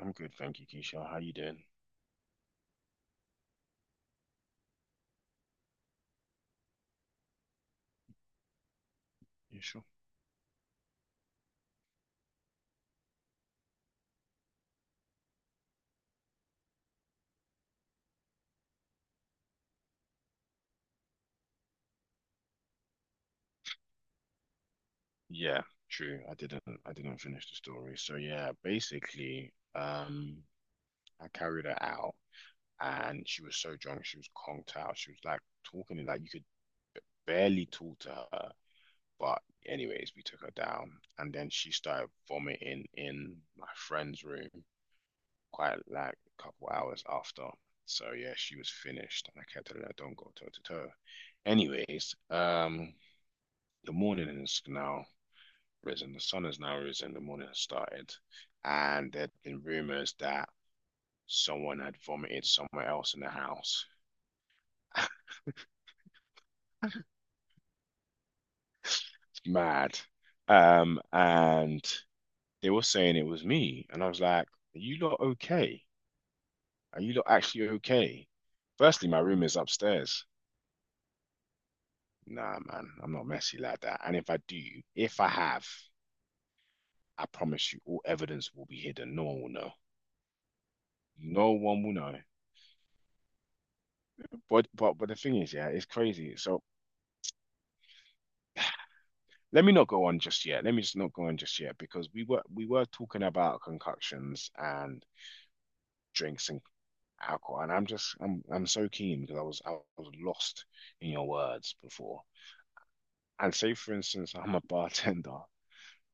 I'm good, thank you, Keisha. How you doing? Yeah, sure. Yeah, true. I didn't finish the story. So yeah, basically, I carried her out and she was so drunk, she was conked out. She was like talking like you could barely talk to her. But anyways, we took her down and then she started vomiting in my friend's room quite like a couple hours after. So yeah, she was finished and I kept telling her don't go toe to toe. Anyways, the morning is now. Risen. The sun has now risen. The morning has started, and there'd been rumors that someone had vomited somewhere else in the house. Mad. And they were saying it was me, and I was like, "Are you lot okay? Are you lot actually okay?" Firstly, my room is upstairs. Nah, man, I'm not messy like that. And if I do, if I have, I promise you, all evidence will be hidden. No one will know. No one will know. But the thing is, yeah, it's crazy. So let me not go on just yet. Let me just not go on just yet because we were talking about concoctions and drinks and alcohol, and I'm so keen because I was lost in your words before. And say for instance, I'm a bartender,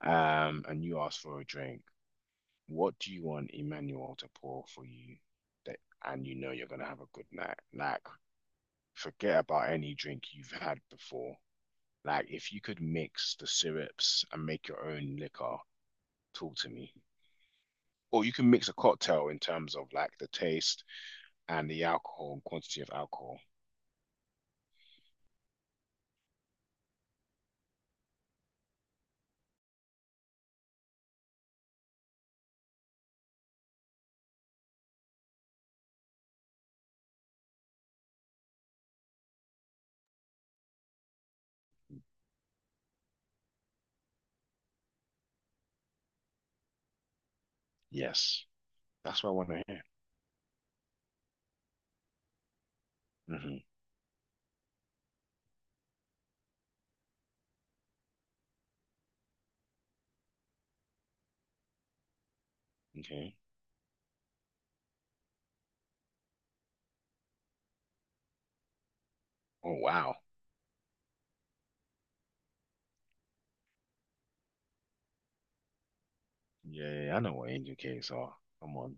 and you ask for a drink. What do you want Emmanuel to pour for you that and you know you're gonna have a good night? Like, forget about any drink you've had before. Like, if you could mix the syrups and make your own liquor, talk to me. Or you can mix a cocktail in terms of like the taste and the alcohol and quantity of alcohol. Yes, that's what I want to hear. Hmm. Okay. Oh wow. Yeah, yeah, yeah, I know what angel cakes are. Come on.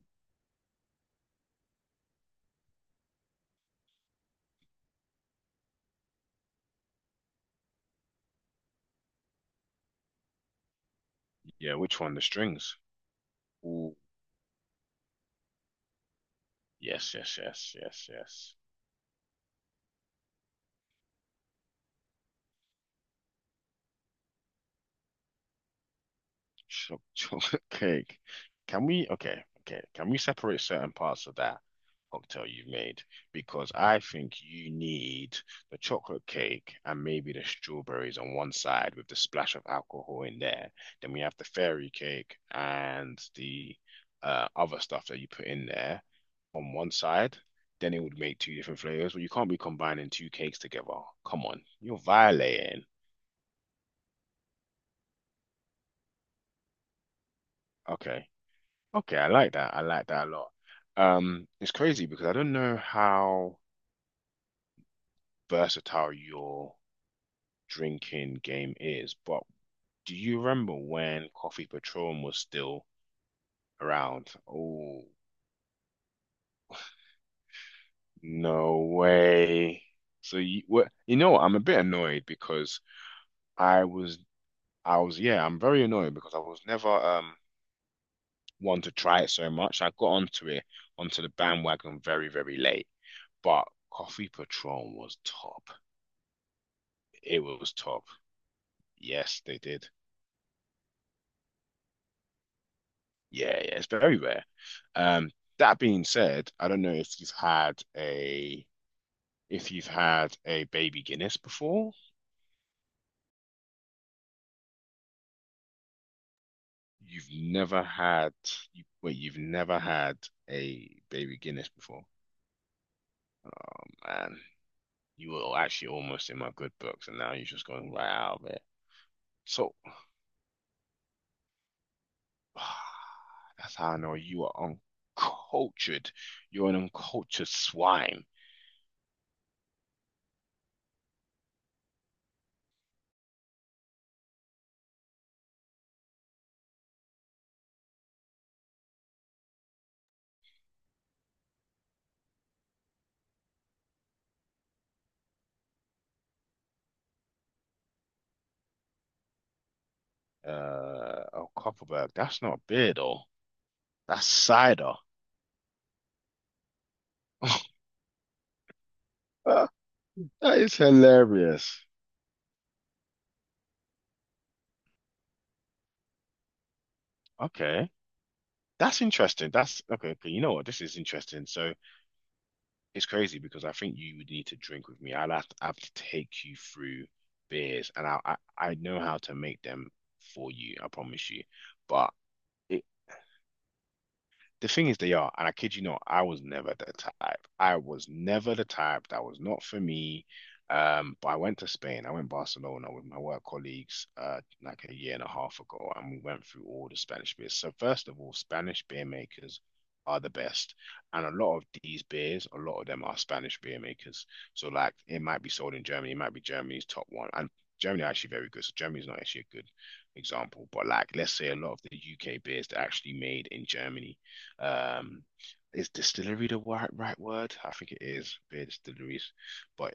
Yeah, which one? The strings. Ooh. Yes, yes, yes, yes, yes. Chocolate cake. Can we, okay, okay, can we separate certain parts of that cocktail you've made? Because I think you need the chocolate cake and maybe the strawberries on one side with the splash of alcohol in there. Then we have the fairy cake and the other stuff that you put in there on one side. Then it would make two different flavors. But you can't be combining two cakes together. Come on, you're violating. Okay. Okay, I like that. I like that a lot. It's crazy because I don't know how versatile your drinking game is, but do you remember when Coffee Patron was still around? Oh, no way. So you what you know what, I'm a bit annoyed because I was I was yeah, I'm very annoyed because I was never one to try it so much. I got onto the bandwagon very, very late. But Coffee Patron was top. It was top. Yes, they did. Yeah, yeah, it's very rare. Um, that being said, I don't know if you've had a if you've had a baby Guinness before. You've never had you wait, you've never had a baby Guinness before. Oh man, you were actually almost in my good books, and now you're just going right out of it. So that's how I know you are uncultured. You're an uncultured swine. Oh, Copperberg, that's not beer though. That's cider. That is hilarious. Okay. That's interesting. That's okay. Okay, you know what? This is interesting. So it's crazy because I think you would need to drink with me. I'll have to, I have to take you through beers, and I know how to make them for you. I promise you. But it, the thing is, they are, and I kid you not, I was never the type. I was never the type. That was not for me. But I went to Spain. I went to Barcelona with my work colleagues like a year and a half ago, and we went through all the Spanish beers. So first of all, Spanish beer makers are the best, and a lot of these beers, a lot of them are Spanish beer makers. So like, it might be sold in Germany. It might be Germany's top one, and Germany are actually very good. So Germany's not actually a good example, but like let's say a lot of the UK beers that are actually made in Germany, um, is distillery the right word? I think it is beer distilleries, but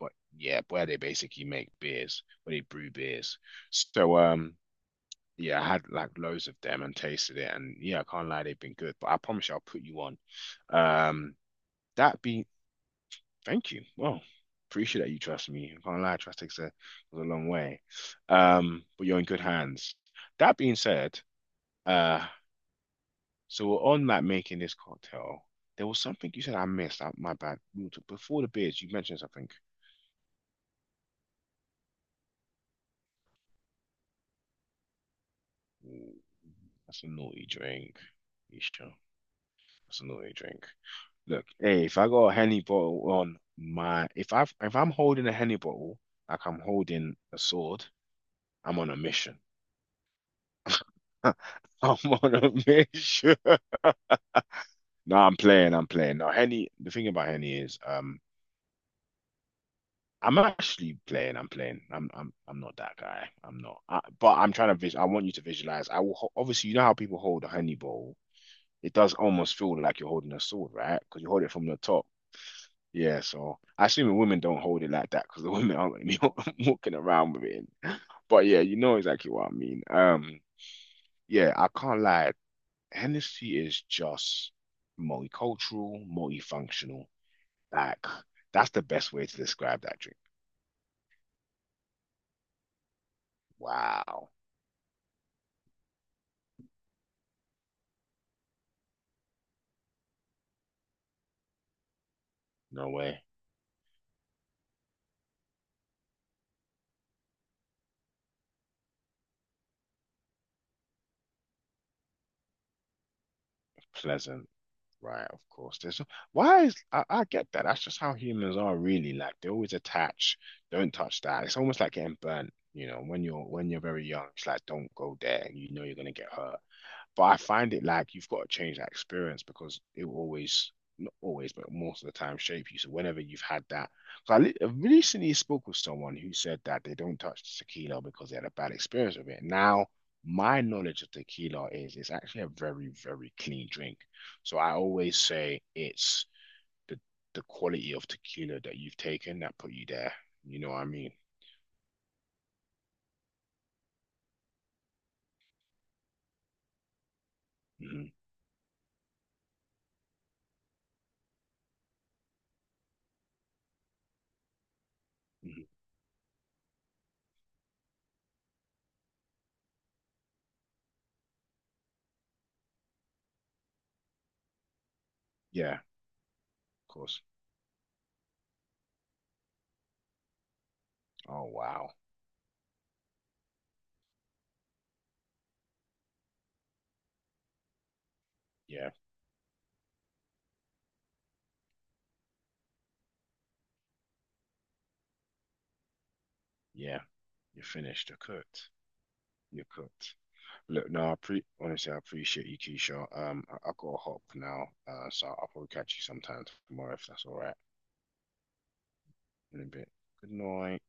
but yeah, where they basically make beers, where they brew beers. So yeah, I had like loads of them and tasted it, and yeah, I can't lie, they've been good. But I promise you, I'll put you on. Um, that be thank you. Well, appreciate that you trust me. I can't lie, trust takes a goes a long way. But you're in good hands. That being said, uh, so on that making this cocktail, there was something you said I missed. I, my bad. Before the beers, you mentioned something. Ooh, that's a naughty drink. Isha, that's a naughty drink. Look, hey, if I got a Henny bottle on my, if I'm holding a Henny bottle like I'm holding a sword, I'm on a mission. I'm on a mission. No, I'm playing. I'm playing. Now, Henny. The thing about Henny is, I'm actually playing. I'm playing. I'm not that guy. I'm not. I, but I'm trying to visual. I want you to visualize. Obviously you know how people hold a honey bowl. It does almost feel like you're holding a sword, right? Because you hold it from the top. Yeah. So I assume women don't hold it like that because the women aren't gonna be walking around with it. But yeah, you know exactly what I mean. Yeah. I can't lie. Hennessy is just multicultural, multifunctional. Like that's the best way to describe that drink. Wow. No way. Pleasant, right? Of course. There's no, Why is I get that. That's just how humans are really. Like they always attach. Don't touch that. It's almost like getting burnt. You know, when you're very young, it's like don't go there. You know you're gonna get hurt. But I find it like you've got to change that experience because it will always, not always, but most of the time shape you. So whenever you've had that, so I recently spoke with someone who said that they don't touch tequila because they had a bad experience with it. Now, my knowledge of tequila is it's actually a very, very clean drink. So I always say it's the the quality of tequila that you've taken that put you there. You know what I mean? Hmm. Hmm. Yeah, of course. Oh wow. Yeah, yeah. You're finished. You're cooked. You're cooked. Look, no, I pre honestly, I appreciate you, Keisha. I gotta hop now, so I'll probably catch you sometime tomorrow if that's all right. In a bit. Good night.